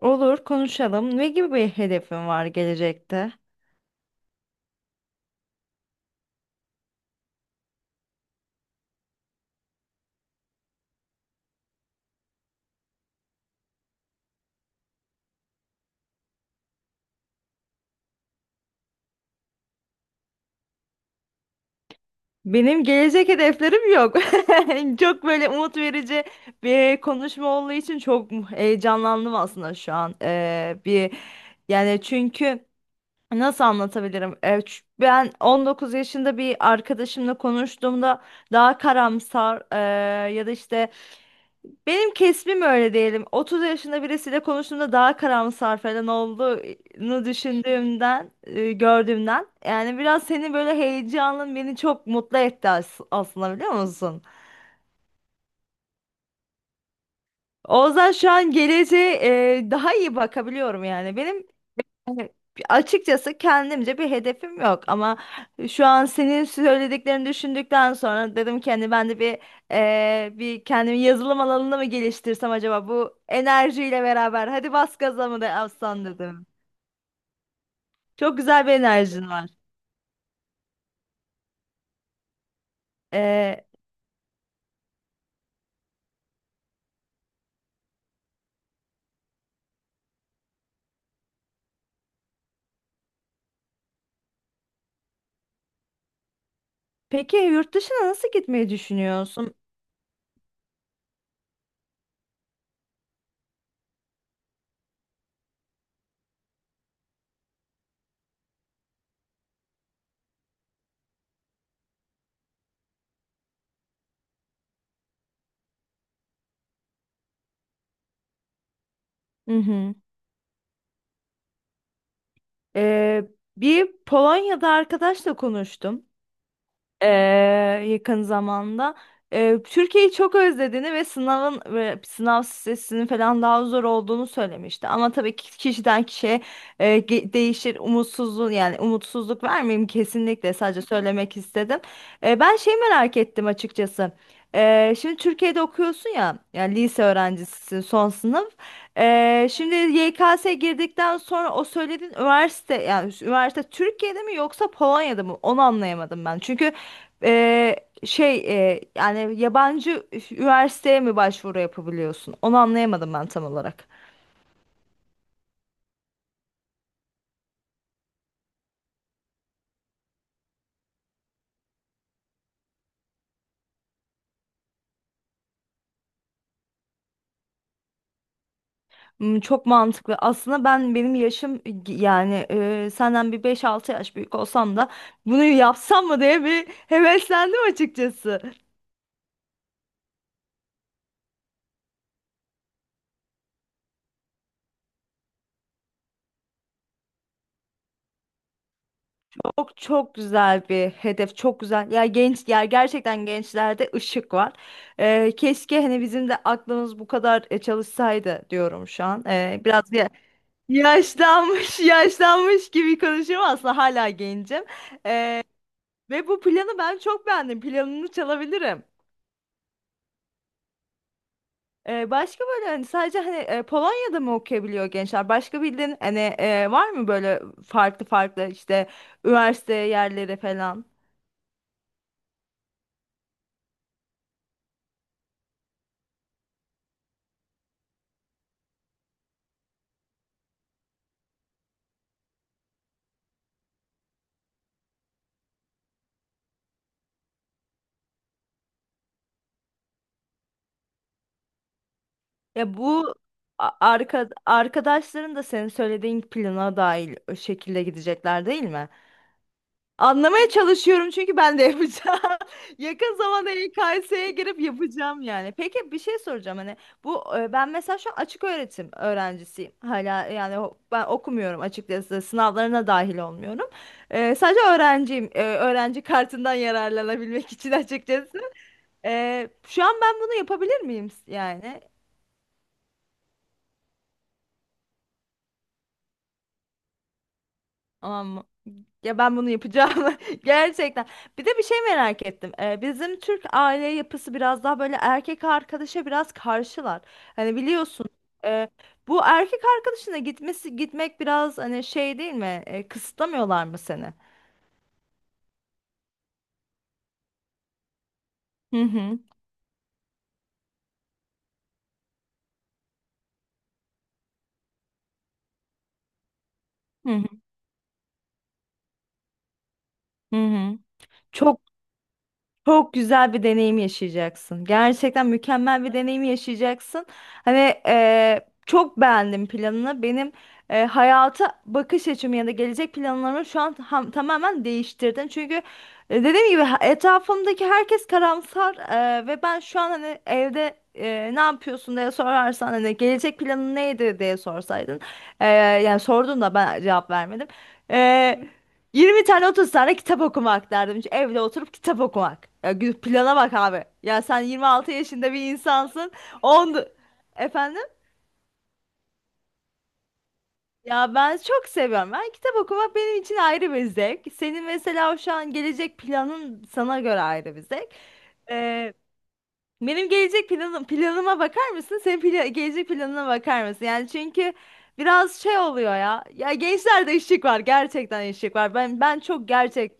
Olur, konuşalım. Ne gibi bir hedefin var gelecekte? Benim gelecek hedeflerim yok. Çok böyle umut verici bir konuşma olduğu için çok heyecanlandım aslında şu an. Bir yani, çünkü nasıl anlatabilirim? Ben 19 yaşında bir arkadaşımla konuştuğumda daha karamsar, ya da işte benim kesbim öyle diyelim. 30 yaşında birisiyle konuştuğumda daha karamsar falan olduğunu düşündüğümden, gördüğümden. Yani biraz senin böyle heyecanın beni çok mutlu etti aslında, biliyor musun? O yüzden şu an geleceğe, daha iyi bakabiliyorum yani. Benim Hani Açıkçası kendimce bir hedefim yok, ama şu an senin söylediklerini düşündükten sonra dedim ki hani ben de bir kendimi yazılım alanında mı geliştirsem acaba, bu enerjiyle beraber hadi bas gaza mı da alsam dedim. Çok güzel bir enerjin var. Eee, peki yurt dışına nasıl gitmeyi düşünüyorsun? Hı hı. Ee, Bir Polonya'da arkadaşla konuştum, ee, yakın zamanda. Türkiye'yi çok özlediğini ve sınav stresinin falan daha zor olduğunu söylemişti. Ama tabii ki kişiden kişiye, değişir. Umutsuzluğu, yani umutsuzluk vermeyeyim kesinlikle, sadece söylemek istedim. Ben şey merak ettim açıkçası. Şimdi Türkiye'de okuyorsun ya, yani lise öğrencisisin, son sınıf. Şimdi YKS girdikten sonra o söylediğin üniversite, yani üniversite Türkiye'de mi yoksa Polonya'da mı? Onu anlayamadım ben. Çünkü e, şey yani yabancı üniversiteye mi başvuru yapabiliyorsun? Onu anlayamadım ben tam olarak. Hmm, çok mantıklı. Aslında benim yaşım yani, senden bir beş altı yaş büyük olsam da bunu yapsam mı diye bir heveslendim açıkçası. Çok çok güzel bir hedef, çok güzel. Ya genç, ya gerçekten gençlerde ışık var. Keşke hani bizim de aklımız bu kadar, çalışsaydı diyorum şu an. Biraz yaşlanmış, yaşlanmış gibi konuşuyorum, aslında hala gencim. Ve bu planı ben çok beğendim. Planını çalabilirim. Başka böyle, sadece hani, Polonya'da mı okuyabiliyor gençler? Başka bildiğin hani, var mı böyle farklı farklı işte üniversite yerleri falan? Ya bu arkadaşların da senin söylediğin plana dahil o şekilde gidecekler, değil mi? Anlamaya çalışıyorum çünkü ben de yapacağım. Yakın zamanda YKS'ye girip yapacağım yani. Peki bir şey soracağım, hani bu, ben mesela şu an açık öğretim öğrencisiyim. Hala yani ben okumuyorum açıkçası, sınavlarına dahil olmuyorum. E, sadece öğrenciyim. E, öğrenci kartından yararlanabilmek için açıkçası. E, şu an ben bunu yapabilir miyim yani? Aman. Ya ben bunu yapacağım gerçekten. Bir de bir şey merak ettim. Bizim Türk aile yapısı biraz daha böyle erkek arkadaşa biraz karşılar. Hani biliyorsun, e, bu erkek arkadaşına gitmesi gitmek biraz hani şey değil mi? E, kısıtlamıyorlar mı seni? Hı hı. Hı hı. Hı hı. Çok Çok güzel bir deneyim yaşayacaksın. Gerçekten mükemmel bir deneyim yaşayacaksın. Hani çok beğendim planını. Benim hayata bakış açımı ya da gelecek planlarımı şu an tamamen değiştirdin. Çünkü dediğim gibi, etrafımdaki herkes karamsar, ve ben şu an hani evde, ne yapıyorsun diye sorarsan, hani gelecek planın neydi diye sorsaydın. eee, Yani sordun da ben cevap vermedim. 20 tane 30 tane kitap okumak derdim. Şu evde oturup kitap okumak. Ya plana bak abi. Ya sen 26 yaşında bir insansın. 10 Efendim? Ya ben çok seviyorum. Ben kitap okumak benim için ayrı bir zevk. Senin mesela şu an gelecek planın sana göre ayrı bir zevk. Ee, Benim gelecek planım, planıma bakar mısın? Senin gelecek planına bakar mısın? Yani çünkü biraz şey oluyor ya. Ya gençlerde işçilik var. Gerçekten işçilik var. Ben çok gerçek.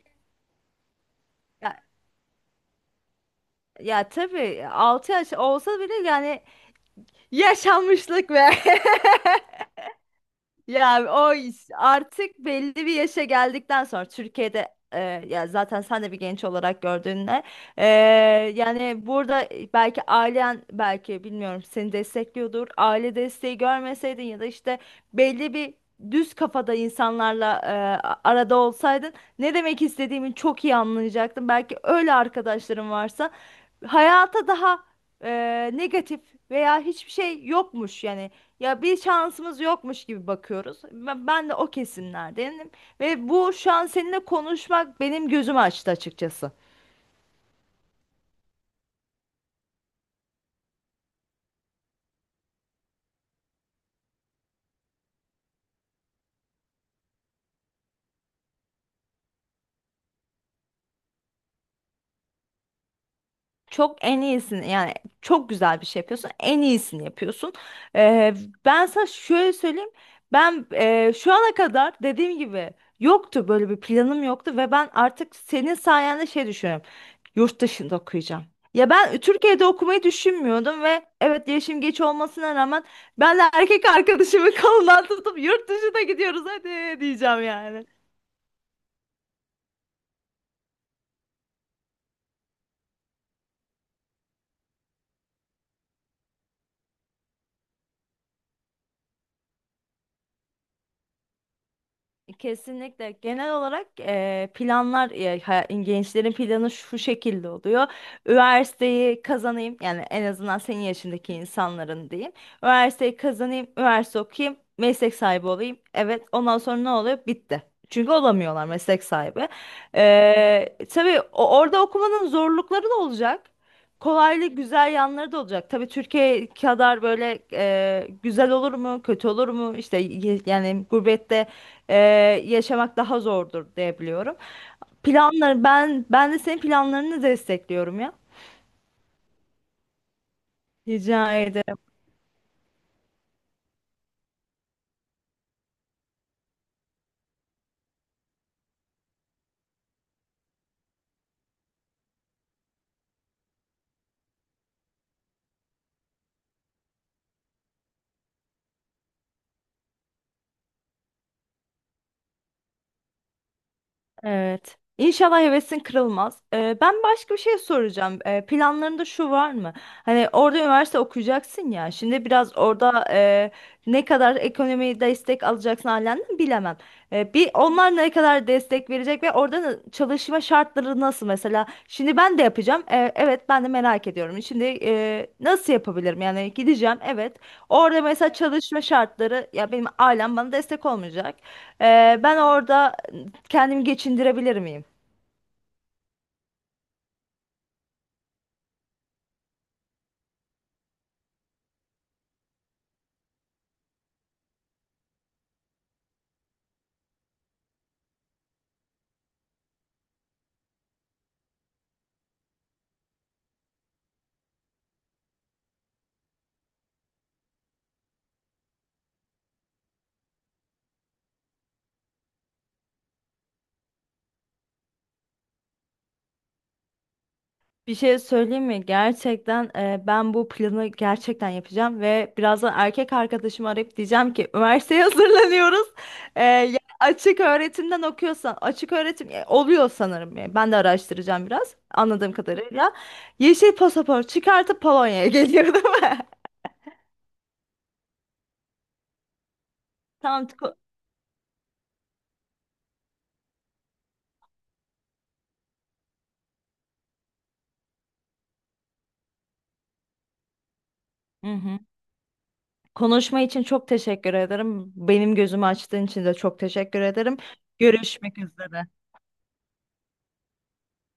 Ya tabii 6 yaş olsa bile, yani yaşanmışlık be. Ya o artık belli bir yaşa geldikten sonra Türkiye'de, ya zaten sen de bir genç olarak gördüğünde, e, yani burada, belki ailen, belki bilmiyorum, seni destekliyordur. Aile desteği görmeseydin ya da işte belli bir düz kafada insanlarla, arada olsaydın, ne demek istediğimi çok iyi anlayacaktın. Belki öyle arkadaşların varsa hayata daha, e, negatif veya hiçbir şey yokmuş, yani ya bir şansımız yokmuş gibi bakıyoruz. Ben de o kesimlerdenim ve bu şu an seninle konuşmak benim gözümü açtı açıkçası. En iyisini yani, çok güzel bir şey yapıyorsun. En iyisini yapıyorsun. Ee, Ben sana şöyle söyleyeyim. Ben, şu ana kadar dediğim gibi böyle bir planım yoktu ve ben artık senin sayende şey düşünüyorum. Yurt dışında okuyacağım. Ya ben Türkiye'de okumayı düşünmüyordum ve evet, yaşım geç olmasına rağmen ben de erkek arkadaşımı kolundan tutup yurt dışına gidiyoruz hadi diyeceğim yani. Kesinlikle. Genel olarak planlar, gençlerin planı şu şekilde oluyor. Üniversiteyi kazanayım, yani en azından senin yaşındaki insanların diyeyim. Üniversiteyi kazanayım, üniversite okuyayım, meslek sahibi olayım. Evet, ondan sonra ne oluyor? Bitti. Çünkü olamıyorlar meslek sahibi. Tabii orada okumanın zorlukları da olacak. Kolaylı güzel yanları da olacak. Tabii Türkiye kadar böyle güzel olur mu, kötü olur mu? İşte yani gurbette, e, yaşamak daha zordur diye biliyorum. Planları, ben de senin planlarını destekliyorum ya. Rica ederim. Evet. İnşallah hevesin kırılmaz. Ben başka bir şey soracağım. Planlarında şu var mı? Hani orada üniversite okuyacaksın ya. Şimdi biraz orada, ne kadar ekonomiyi destek alacaksın halinden bilemem. Bir onlar ne kadar destek verecek ve orada çalışma şartları nasıl mesela? Şimdi ben de yapacağım. Evet, ben de merak ediyorum. Şimdi, nasıl yapabilirim? Yani gideceğim. Evet. Orada mesela çalışma şartları, ya benim ailem bana destek olmayacak. Ben orada kendimi geçindirebilir miyim? Bir şey söyleyeyim mi? Gerçekten, ben bu planı gerçekten yapacağım ve birazdan erkek arkadaşımı arayıp diyeceğim ki üniversiteye hazırlanıyoruz. E, ya açık öğretimden okuyorsan, açık öğretim, oluyor sanırım. E, ben de araştıracağım biraz anladığım kadarıyla. Yeşil pasaport çıkartıp Polonya'ya geliyor değil mi? Tamam. ko- Hı hı. Konuşma için çok teşekkür ederim. Benim gözümü açtığın için de çok teşekkür ederim. Görüşmek üzere.